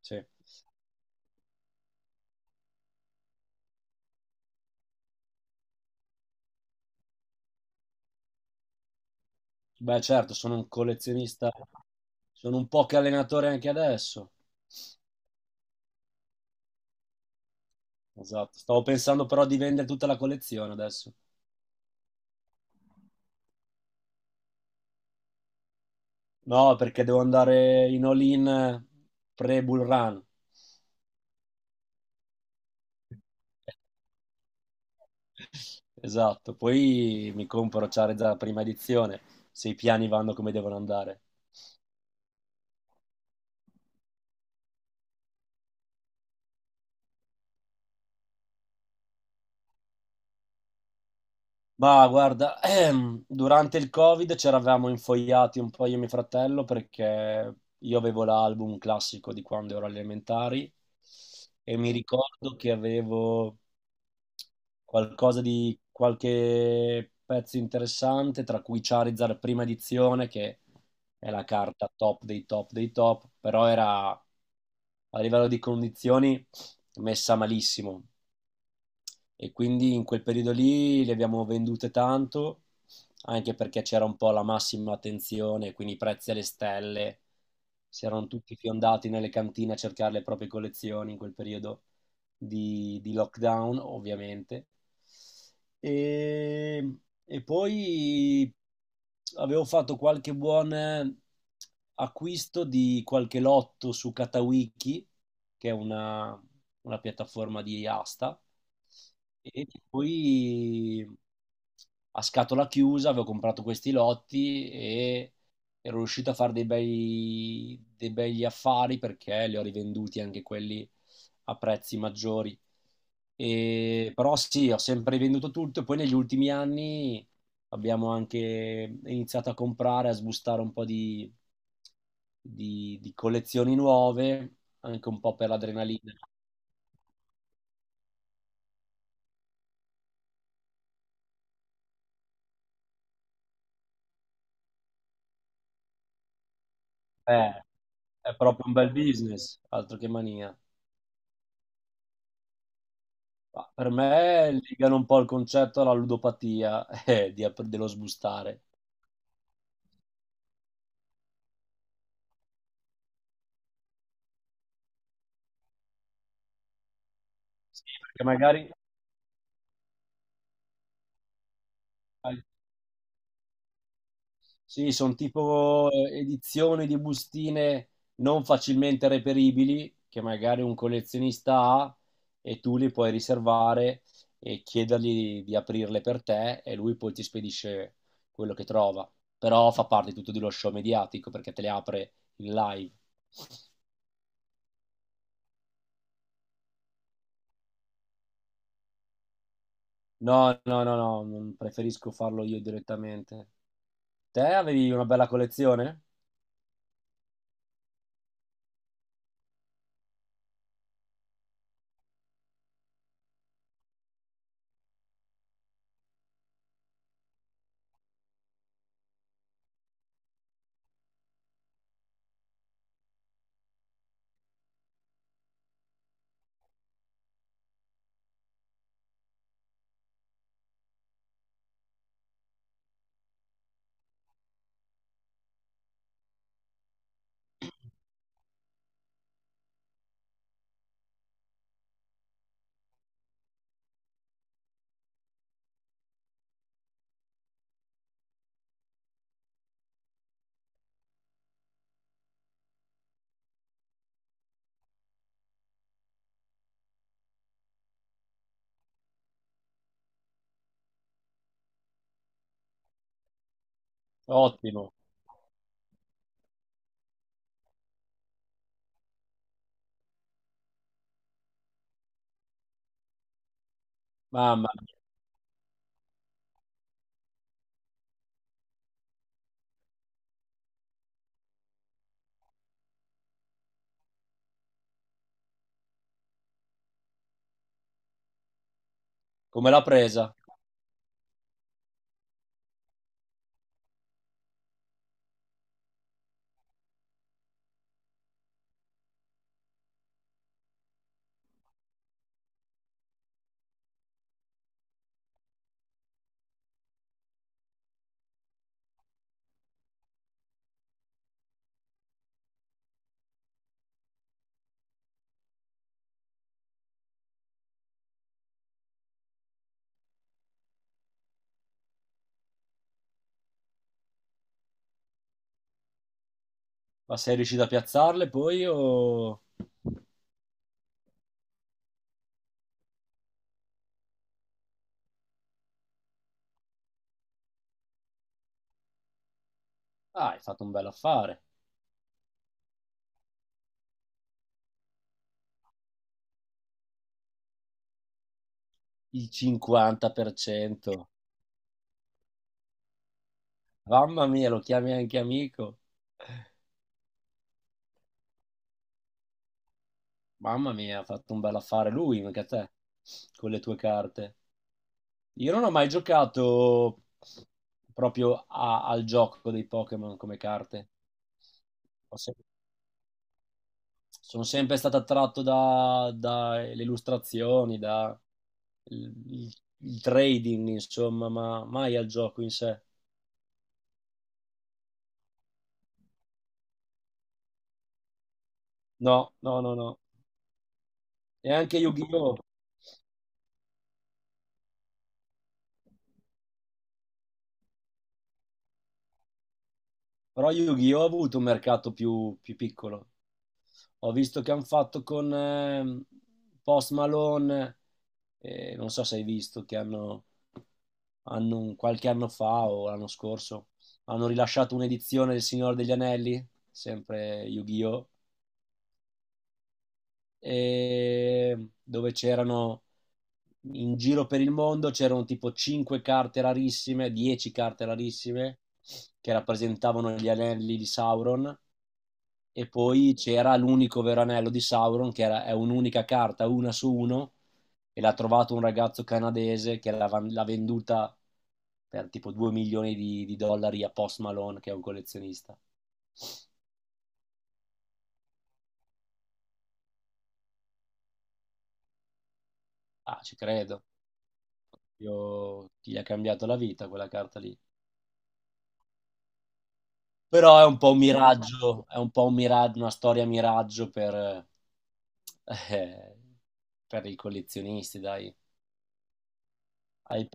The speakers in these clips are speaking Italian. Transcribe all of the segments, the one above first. Sì. Beh, certo, sono un collezionista, sono un poche allenatore anche adesso. Esatto. Stavo pensando però di vendere tutta la collezione adesso. No, perché devo andare in all-in pre-Bull Run. Esatto. Poi mi compro Charizard prima edizione, se i piani vanno come devono andare. Ma guarda, durante il Covid ci eravamo infoiati un po' io e mio fratello perché io avevo l'album classico di quando ero alle elementari e mi ricordo che avevo qualcosa di qualche pezzo interessante, tra cui Charizard prima edizione, che è la carta top dei top dei top, però era a livello di condizioni messa malissimo. E quindi in quel periodo lì le abbiamo vendute tanto, anche perché c'era un po' la massima attenzione, quindi i prezzi alle stelle, si erano tutti fiondati nelle cantine a cercare le proprie collezioni in quel periodo di lockdown, ovviamente. E, e poi avevo fatto qualche buon acquisto di qualche lotto su Katawiki che è una piattaforma di asta, e poi a scatola chiusa avevo comprato questi lotti e ero riuscito a fare dei bei, dei begli affari perché li ho rivenduti anche quelli a prezzi maggiori. Però sì, ho sempre venduto tutto e poi negli ultimi anni abbiamo anche iniziato a comprare, a sbustare un po' di collezioni nuove anche un po' per l'adrenalina. Eh, è proprio un bel business, altro che mania. Ma per me legano un po' il concetto alla ludopatia dello sbustare. Sì, perché magari. Sì, sono tipo edizioni di bustine non facilmente reperibili, che magari un collezionista ha e tu li puoi riservare e chiedergli di aprirle per te e lui poi ti spedisce quello che trova. Però fa parte tutto dello show mediatico perché te le apre in live. No, no, no, no, non preferisco farlo io direttamente. Te avevi una bella collezione? Ottimo. Mamma mia, come l'ha presa? Ma sei riuscito a piazzarle poi o. Ah, hai fatto un bel affare. Il 50%. Mamma mia, lo chiami anche amico. Mamma mia, ha fatto un bel affare lui, mica te, con le tue carte. Io non ho mai giocato proprio al gioco dei Pokémon come carte. Ho se- Sono sempre stato attratto dalle illustrazioni, da il, il- il trading, insomma, ma mai al gioco in sé. No, no, no, no. E anche Yu-Gi-Oh! Però Yu-Gi-Oh! Ha avuto un mercato più piccolo. Ho visto che hanno fatto con Post Malone, non so se hai visto, che hanno qualche anno fa o l'anno scorso, hanno rilasciato un'edizione del Signore degli Anelli, sempre Yu-Gi-Oh! E dove c'erano in giro per il mondo c'erano tipo 5 carte rarissime, 10 carte rarissime che rappresentavano gli anelli di Sauron e poi c'era l'unico vero anello di Sauron che era, è un'unica carta, una su uno e l'ha trovato un ragazzo canadese che l'ha venduta per tipo 2 milioni di dollari a Post Malone che è un collezionista. Ah, ci credo. Gli ha cambiato la vita quella carta lì. Però è un po' un miraggio, è un po' un mira- una storia miraggio eh, per i collezionisti, dai. Hai,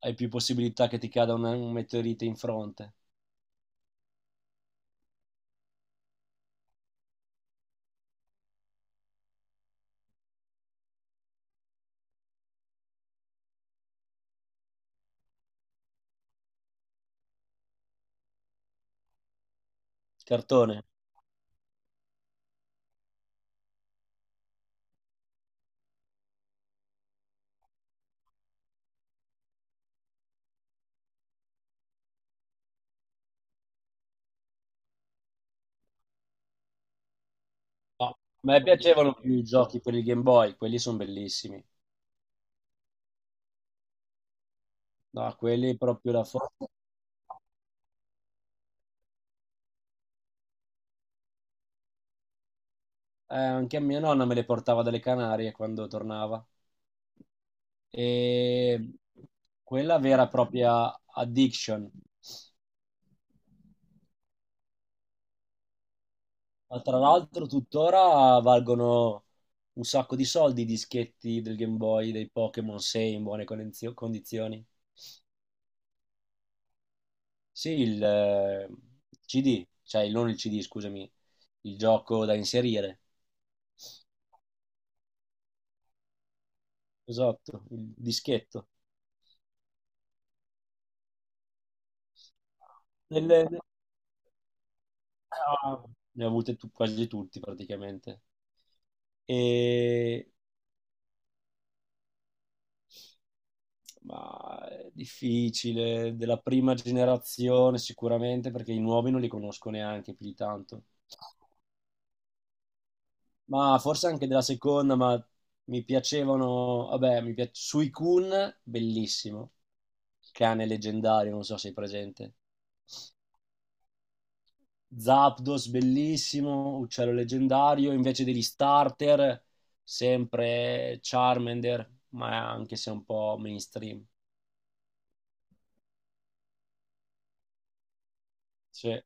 hai più possibilità che ti cada un meteorite in fronte. Cartone. No. A me piacevano più i giochi per il Game Boy, quelli sono bellissimi. No, quelli proprio la forza. Anche a mia nonna me le portava dalle Canarie quando tornava. E quella vera e propria addiction. Ma tra l'altro tuttora valgono un sacco di soldi i dischetti del Game Boy, dei Pokémon 6 in buone condizioni. Sì, il CD, cioè non il CD, scusami, il gioco da inserire. Esatto, il dischetto. Nelle- ne ah, ne ho avute quasi tutti praticamente. E Ma è difficile, della prima generazione sicuramente, perché i nuovi non li conosco neanche più di tanto. Ma forse anche della seconda, ma mi piacevano, vabbè, mi piace Suicune, bellissimo, cane leggendario, non so se è presente. Zapdos, bellissimo, uccello leggendario, invece degli starter, sempre Charmander, ma anche se un po' mainstream. Sì.